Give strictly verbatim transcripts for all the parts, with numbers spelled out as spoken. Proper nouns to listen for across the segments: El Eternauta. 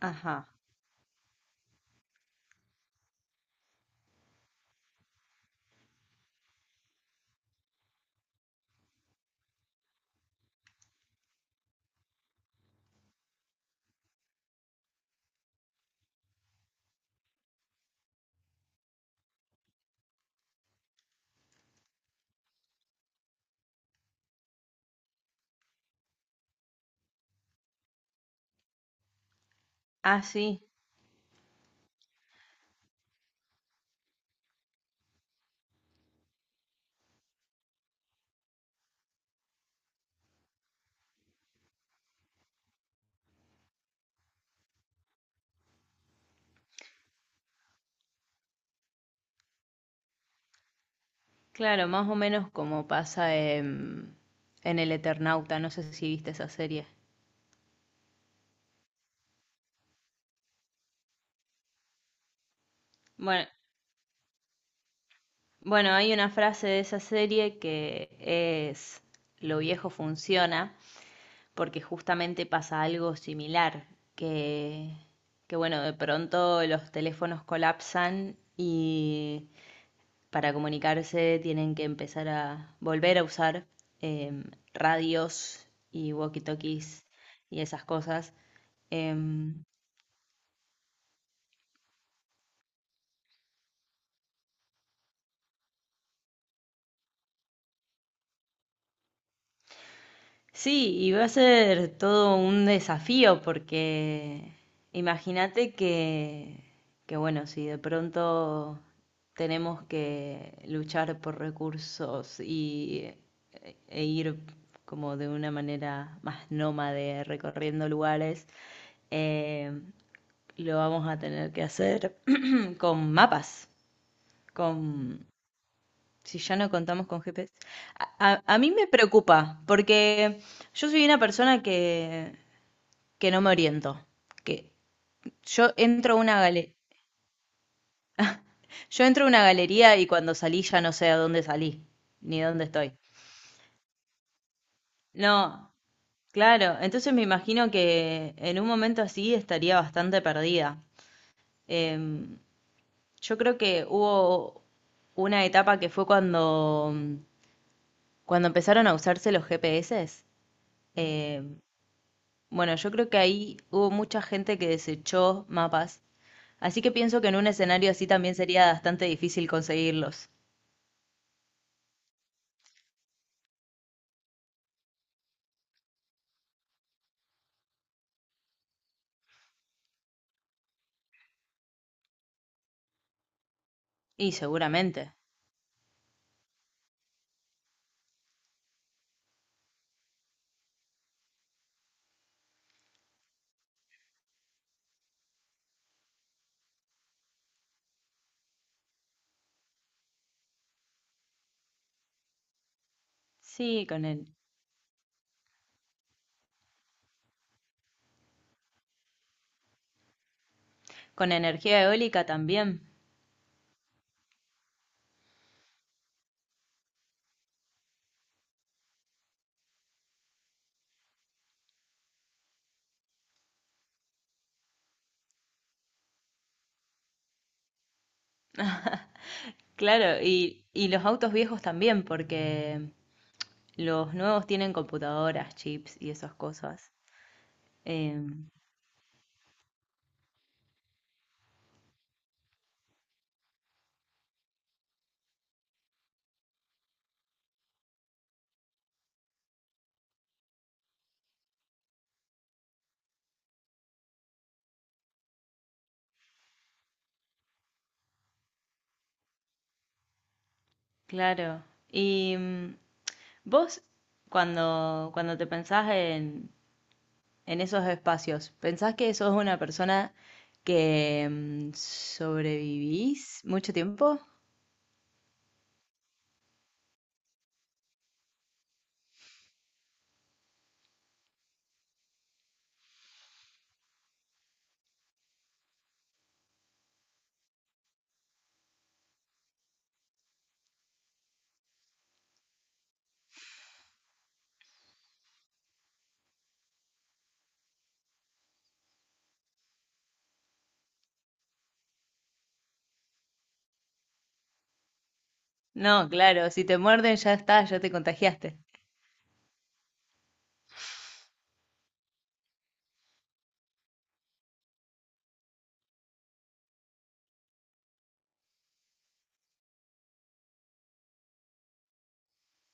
Ajá. Ah, sí. Claro, más o menos como pasa en, en El Eternauta. No sé si viste esa serie. Bueno, bueno, hay una frase de esa serie que es lo viejo funciona, porque justamente pasa algo similar, que, que bueno, de pronto los teléfonos colapsan y para comunicarse tienen que empezar a volver a usar eh, radios y walkie-talkies y esas cosas. Em, sí, y va a ser todo un desafío porque imagínate que, que, bueno, si de pronto tenemos que luchar por recursos y eh, e ir como de una manera más nómade recorriendo lugares, eh, lo vamos a tener que hacer con mapas, con... Si ya no contamos con G P S. A, a- a mí me preocupa, porque yo soy una persona que, que no me oriento. Que yo entro a una galería. Yo entro a una galería y cuando salí ya no sé a dónde salí, ni dónde estoy. No, claro, entonces me imagino que en un momento así estaría bastante perdida. Em, Yo creo que hubo una etapa que fue cuando, cuando empezaron a usarse los G P S. Eh, bueno, yo creo que ahí hubo mucha gente que desechó mapas, así que pienso que en un escenario así también sería bastante difícil conseguirlos. Y seguramente. Sí, con el, con energía eólica también. Claro, y, y los autos viejos también, porque los nuevos tienen computadoras, chips y esas cosas. Em, claro. Y mm, vos, cuando, cuando te pensás en, en esos espacios, ¿pensás que sos una persona que mm, sobrevivís mucho tiempo? No, claro, si te muerden ya está, ya te contagiaste.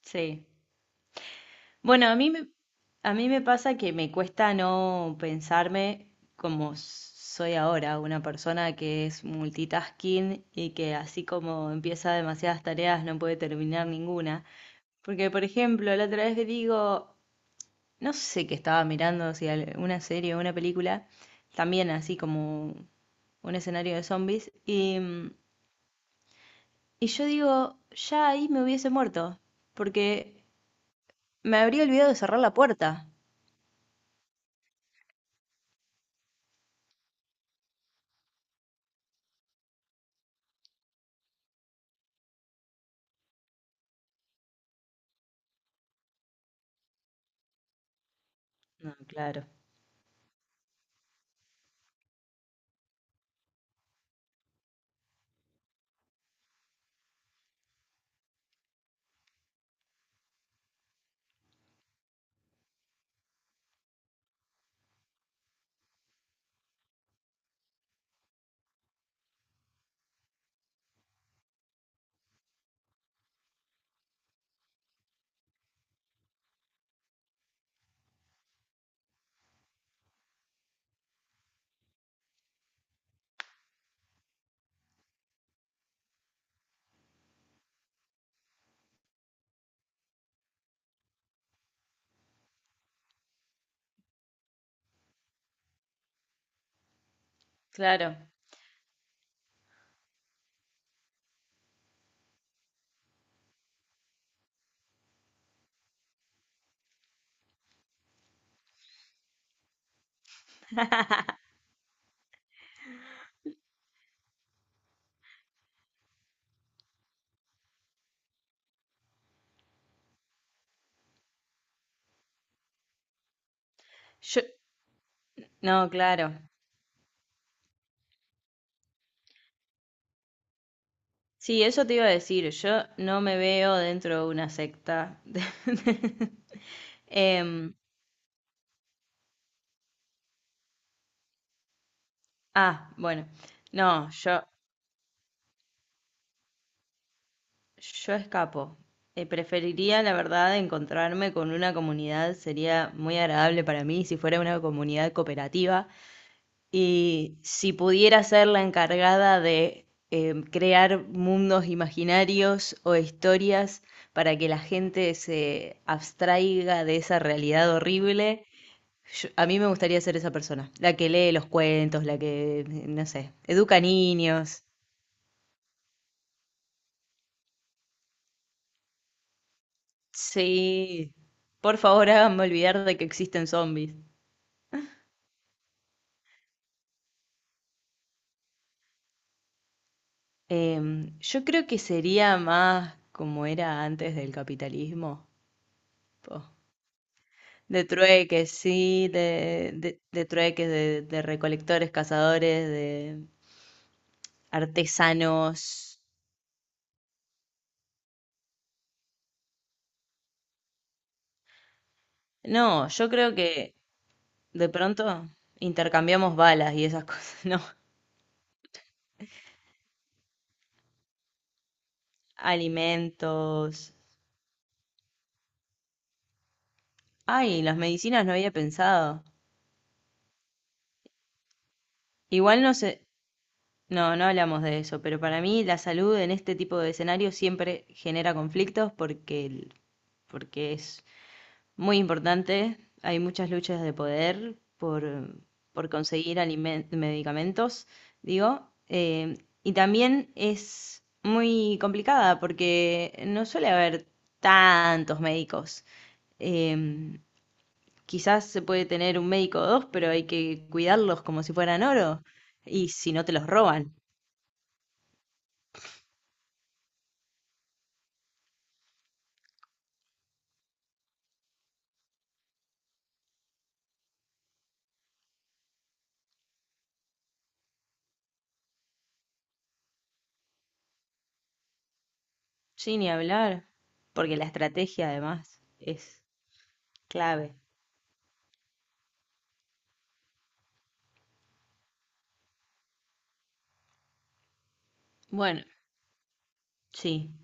Sí. Bueno, a mí me, a mí me pasa que me cuesta no pensarme como soy ahora, una persona que es multitasking y que así como empieza demasiadas tareas no puede terminar ninguna. Porque, por ejemplo, la otra vez digo, no sé qué estaba mirando, si una serie o una película, también así como un escenario de zombies, y, mm, y yo digo, ya ahí me hubiese muerto, porque me habría olvidado de cerrar la puerta. No, claro, claro. Yo, no, claro. Sí, eso te iba a decir, yo no me veo dentro de una secta. Em, ah, bueno, no, yo... Yo escapo. Eh, preferiría, la verdad, encontrarme con una comunidad. Sería muy agradable para mí si fuera una comunidad cooperativa. Y si pudiera ser la encargada de eh, crear mundos imaginarios o historias para que la gente se abstraiga de esa realidad horrible, yo- a mí me gustaría ser esa persona. La que lee los cuentos, la que, no sé, educa niños. Sí, por favor háganme olvidar de que existen zombies. Em, yo creo que sería más como era antes del capitalismo, po. De trueques, sí, de, de, de trueques, de, de recolectores, cazadores, de artesanos. No, yo creo que de pronto intercambiamos balas y esas cosas, ¿no? Alimentos. Ay, las medicinas no había pensado. Igual no sé. No, no hablamos de eso, pero para mí la salud en este tipo de escenarios siempre genera conflictos porque, el- porque es muy importante. Hay muchas luchas de poder por, por conseguir alimen- medicamentos, digo. eh, y también es muy complicada porque no suele haber tantos médicos. Em, quizás se puede tener un médico o dos, pero hay que cuidarlos como si fueran oro. Y si no te los roban. Sí, ni hablar, porque la estrategia además es clave. Bueno, sí,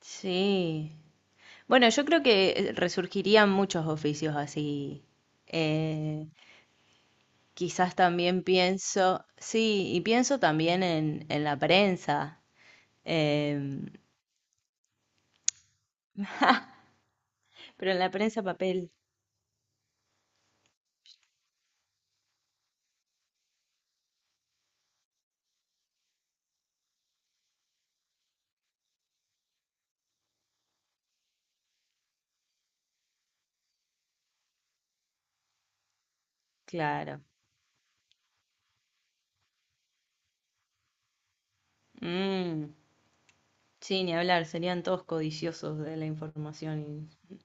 sí. Bueno, yo creo que resurgirían muchos oficios así. Eh, quizás también pienso, sí, y pienso también en, en la prensa, em, pero en la prensa papel, claro. Mm, sí, ni hablar, serían todos codiciosos de la información. Y-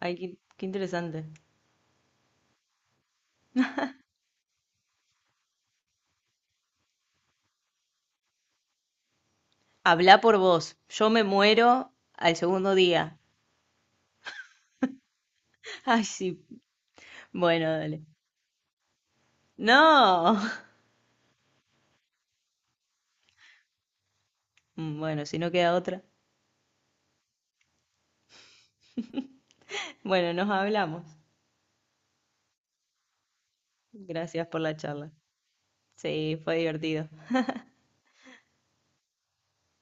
Ay, qué, qué interesante. Habla por vos. Yo me muero al segundo día. Ay, sí. Bueno, dale. No. Bueno, si no queda otra. Bueno, nos hablamos. Gracias por la charla. Sí, fue divertido.